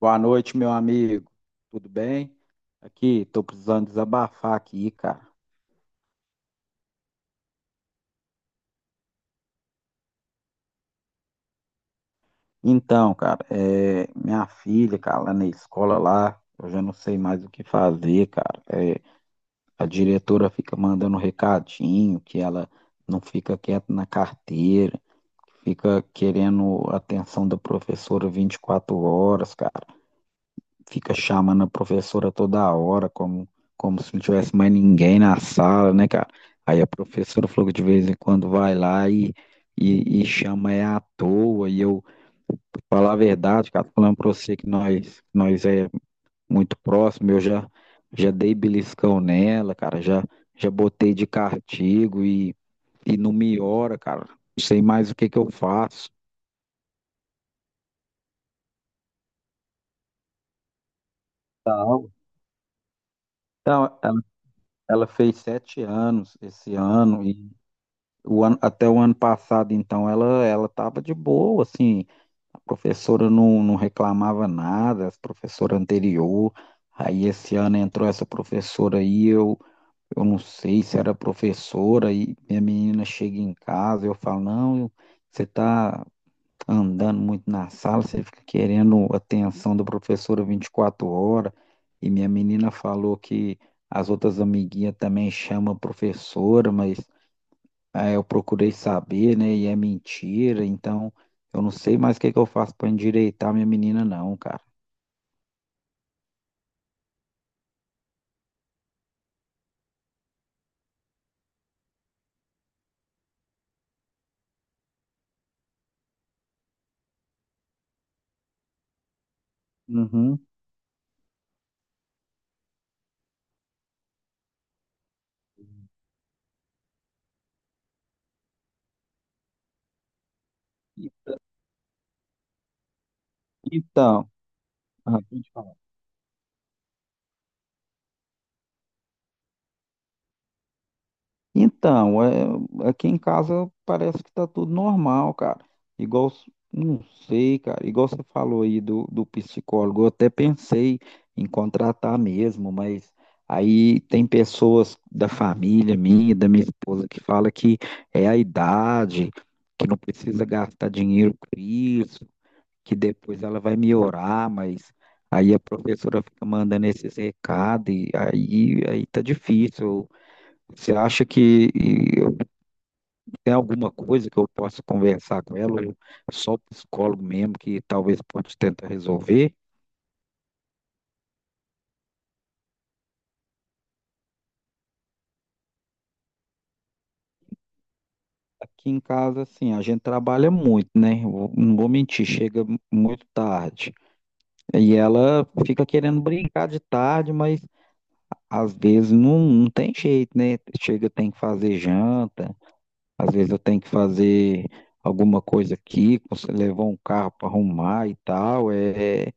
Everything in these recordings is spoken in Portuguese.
Boa noite, meu amigo. Tudo bem? Aqui, tô precisando desabafar aqui, cara. Então, cara, minha filha, cara, lá na escola lá, eu já não sei mais o que fazer, cara. É, a diretora fica mandando recadinho que ela não fica quieta na carteira, fica querendo atenção da professora 24 horas, cara. Fica chamando a professora toda hora, como se não tivesse mais ninguém na sala, né, cara? Aí a professora falou que de vez em quando vai lá e chama é à toa. E eu, pra falar a verdade, cara, falando pra você que nós é muito próximo, eu já dei beliscão nela, cara, já botei de castigo e não me ora, cara. Não sei mais o que que eu faço. Não. Então, ela fez sete anos esse ano. Até o ano passado, então, ela estava de boa, assim, a professora não reclamava nada, a professora anterior. Aí esse ano entrou essa professora aí, eu não sei se era professora, e minha menina chega em casa, eu falo, não, você tá andando muito na sala, você fica querendo atenção da professora 24 horas, e minha menina falou que as outras amiguinhas também chamam a professora, mas ah, eu procurei saber, né? E é mentira, então eu não sei mais o que que eu faço para endireitar minha menina, não, cara. Uhum. Então, ah, Então, aqui em casa parece que tá tudo normal, cara. Igual, s- não sei, cara. Igual você falou aí do psicólogo, eu até pensei em contratar mesmo, mas aí tem pessoas da família minha, da minha esposa, que fala que é a idade, que não precisa gastar dinheiro com isso, que depois ela vai melhorar, mas aí a professora fica mandando esses recados e aí tá difícil. Você acha que tem alguma coisa que eu possa conversar com ela, ou é só o psicólogo mesmo, que talvez pode tentar resolver? Aqui em casa, assim, a gente trabalha muito, né? Não vou mentir, chega muito tarde. E ela fica querendo brincar de tarde, mas às vezes não tem jeito, né? Chega, tem que fazer janta, às vezes eu tenho que fazer alguma coisa aqui, você levar um carro para arrumar e tal. É,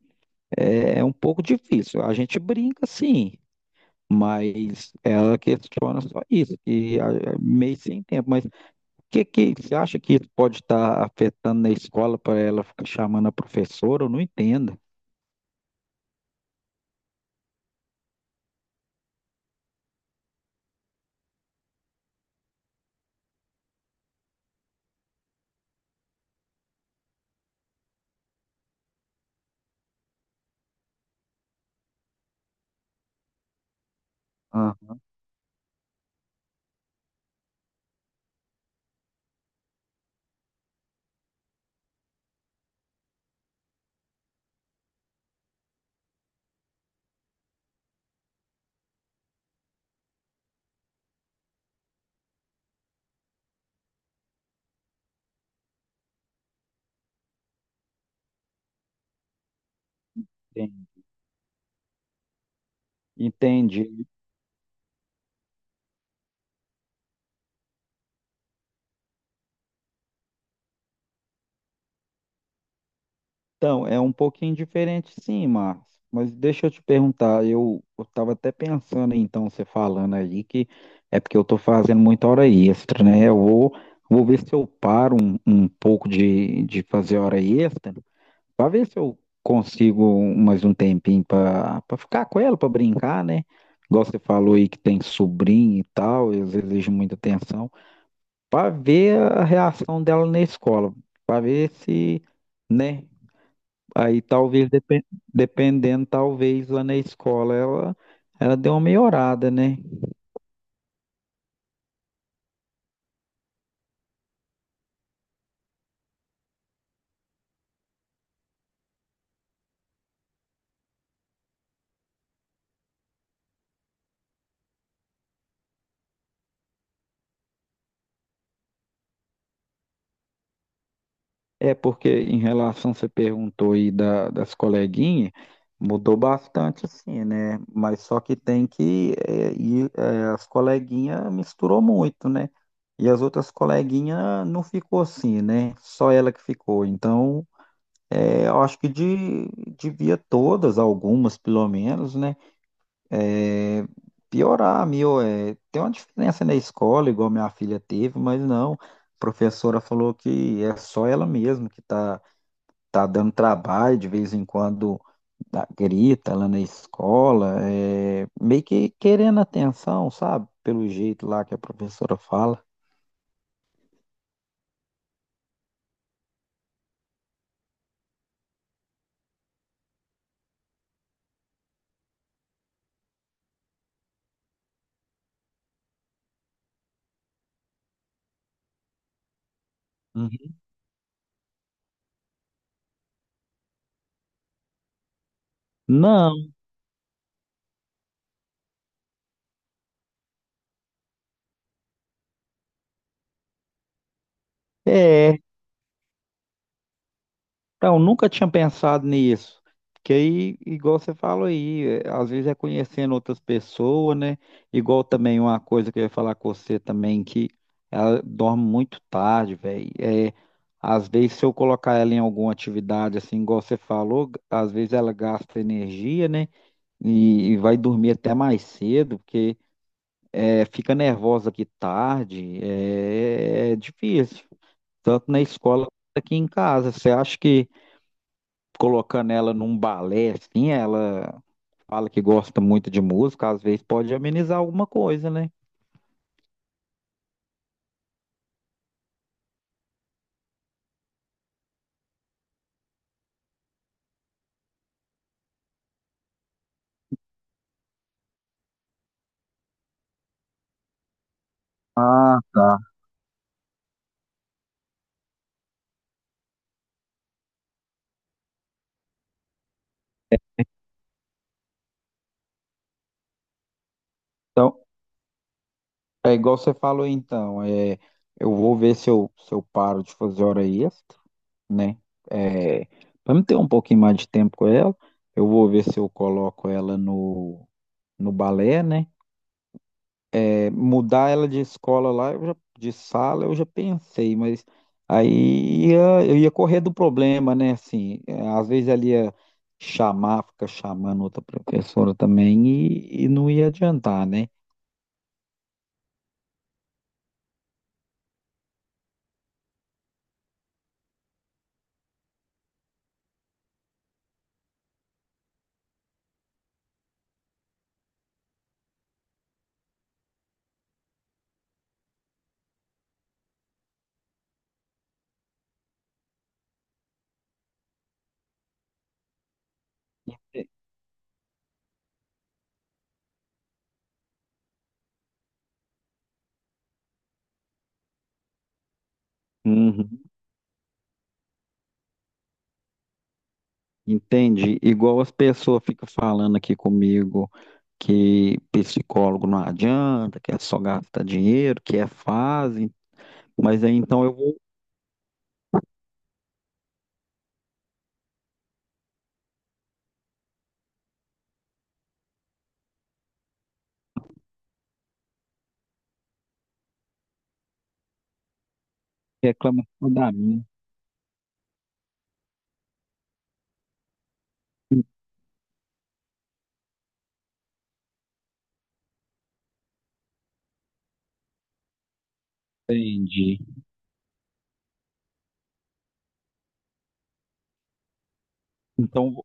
é, é um pouco difícil. A gente brinca, sim. Mas ela questiona só isso, que ah, é meio sem tempo. Mas o que, que você acha que isso pode estar afetando na escola para ela ficar chamando a professora? Eu não entendo. Aham, entendi. Entendi. Então, é um pouquinho diferente, sim, Márcio. Mas deixa eu te perguntar, eu estava até pensando, então, você falando aí, que é porque eu estou fazendo muita hora extra, né? Eu vou ver se eu paro um pouco de fazer hora extra. Pra ver se eu consigo mais um tempinho pra ficar com ela, pra brincar, né? Igual você falou aí que tem sobrinho e tal, eles exigem muita atenção. Pra ver a reação dela na escola. Pra ver se, né? Aí talvez, dependendo, talvez lá na escola ela deu uma melhorada, né? É porque em relação, você perguntou aí das coleguinhas, mudou bastante assim, né? Mas só que tem que, as coleguinhas misturou muito, né? E as outras coleguinhas não ficou assim, né? Só ela que ficou. Então, é, eu acho que devia todas, algumas pelo menos, né? É, piorar, meu, é, tem uma diferença na escola, igual minha filha teve, mas não, a professora falou que é só ela mesma que tá dando trabalho, de vez em quando grita lá na escola, é, meio que querendo atenção, sabe? Pelo jeito lá que a professora fala. Uhum. Não, é. Então, nunca tinha pensado nisso. Porque aí, igual você falou aí, é, às vezes é conhecendo outras pessoas, né? Igual também uma coisa que eu ia falar com você também, que ela dorme muito tarde, velho. É, às vezes, se eu colocar ela em alguma atividade, assim, igual você falou, às vezes ela gasta energia, né? E vai dormir até mais cedo, porque é, fica nervosa aqui tarde, é difícil. Tanto na escola quanto aqui em casa. Você acha que colocando ela num balé, assim, ela fala que gosta muito de música, às vezes pode amenizar alguma coisa, né? Ah, tá. Então, é igual você falou, então, é, eu vou ver se eu paro de fazer hora extra, né? É, para me ter um pouquinho mais de tempo com ela, eu vou ver se eu coloco ela no balé, né? Mudar ela de escola lá, eu já, de sala, eu já pensei, mas eu ia correr do problema, né? Assim, é, às vezes ela ia chamar, ficar chamando outra professora também e não ia adiantar, né? Uhum. Entende? Igual as pessoas ficam falando aqui comigo que psicólogo não adianta, que é só gastar dinheiro, que é fase, mas aí então eu vou reclamar da minha. Entende? Então,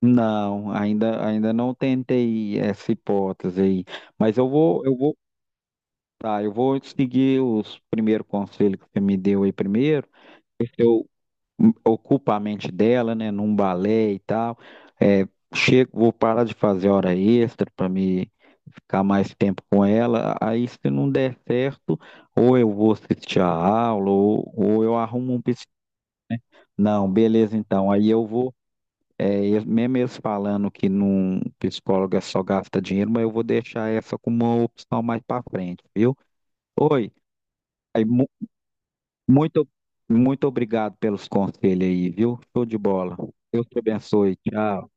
Não, ainda, ainda não tentei essa hipótese aí, mas eu vou seguir os primeiros conselhos que você me deu aí primeiro. Eu ocupo a mente dela, né, num balé e tal. É, chego, vou parar de fazer hora extra para me ficar mais tempo com ela. Aí, se não der certo, ou eu vou assistir a aula, ou eu arrumo um psicólogo. Não, beleza, então. Aí eu vou. É, e mesmo eles falando que num psicólogo é só gasta dinheiro, mas eu vou deixar essa como uma opção mais para frente, viu? Oi, aí, muito, muito obrigado pelos conselhos aí, viu? Show de bola. Deus te abençoe. Tchau.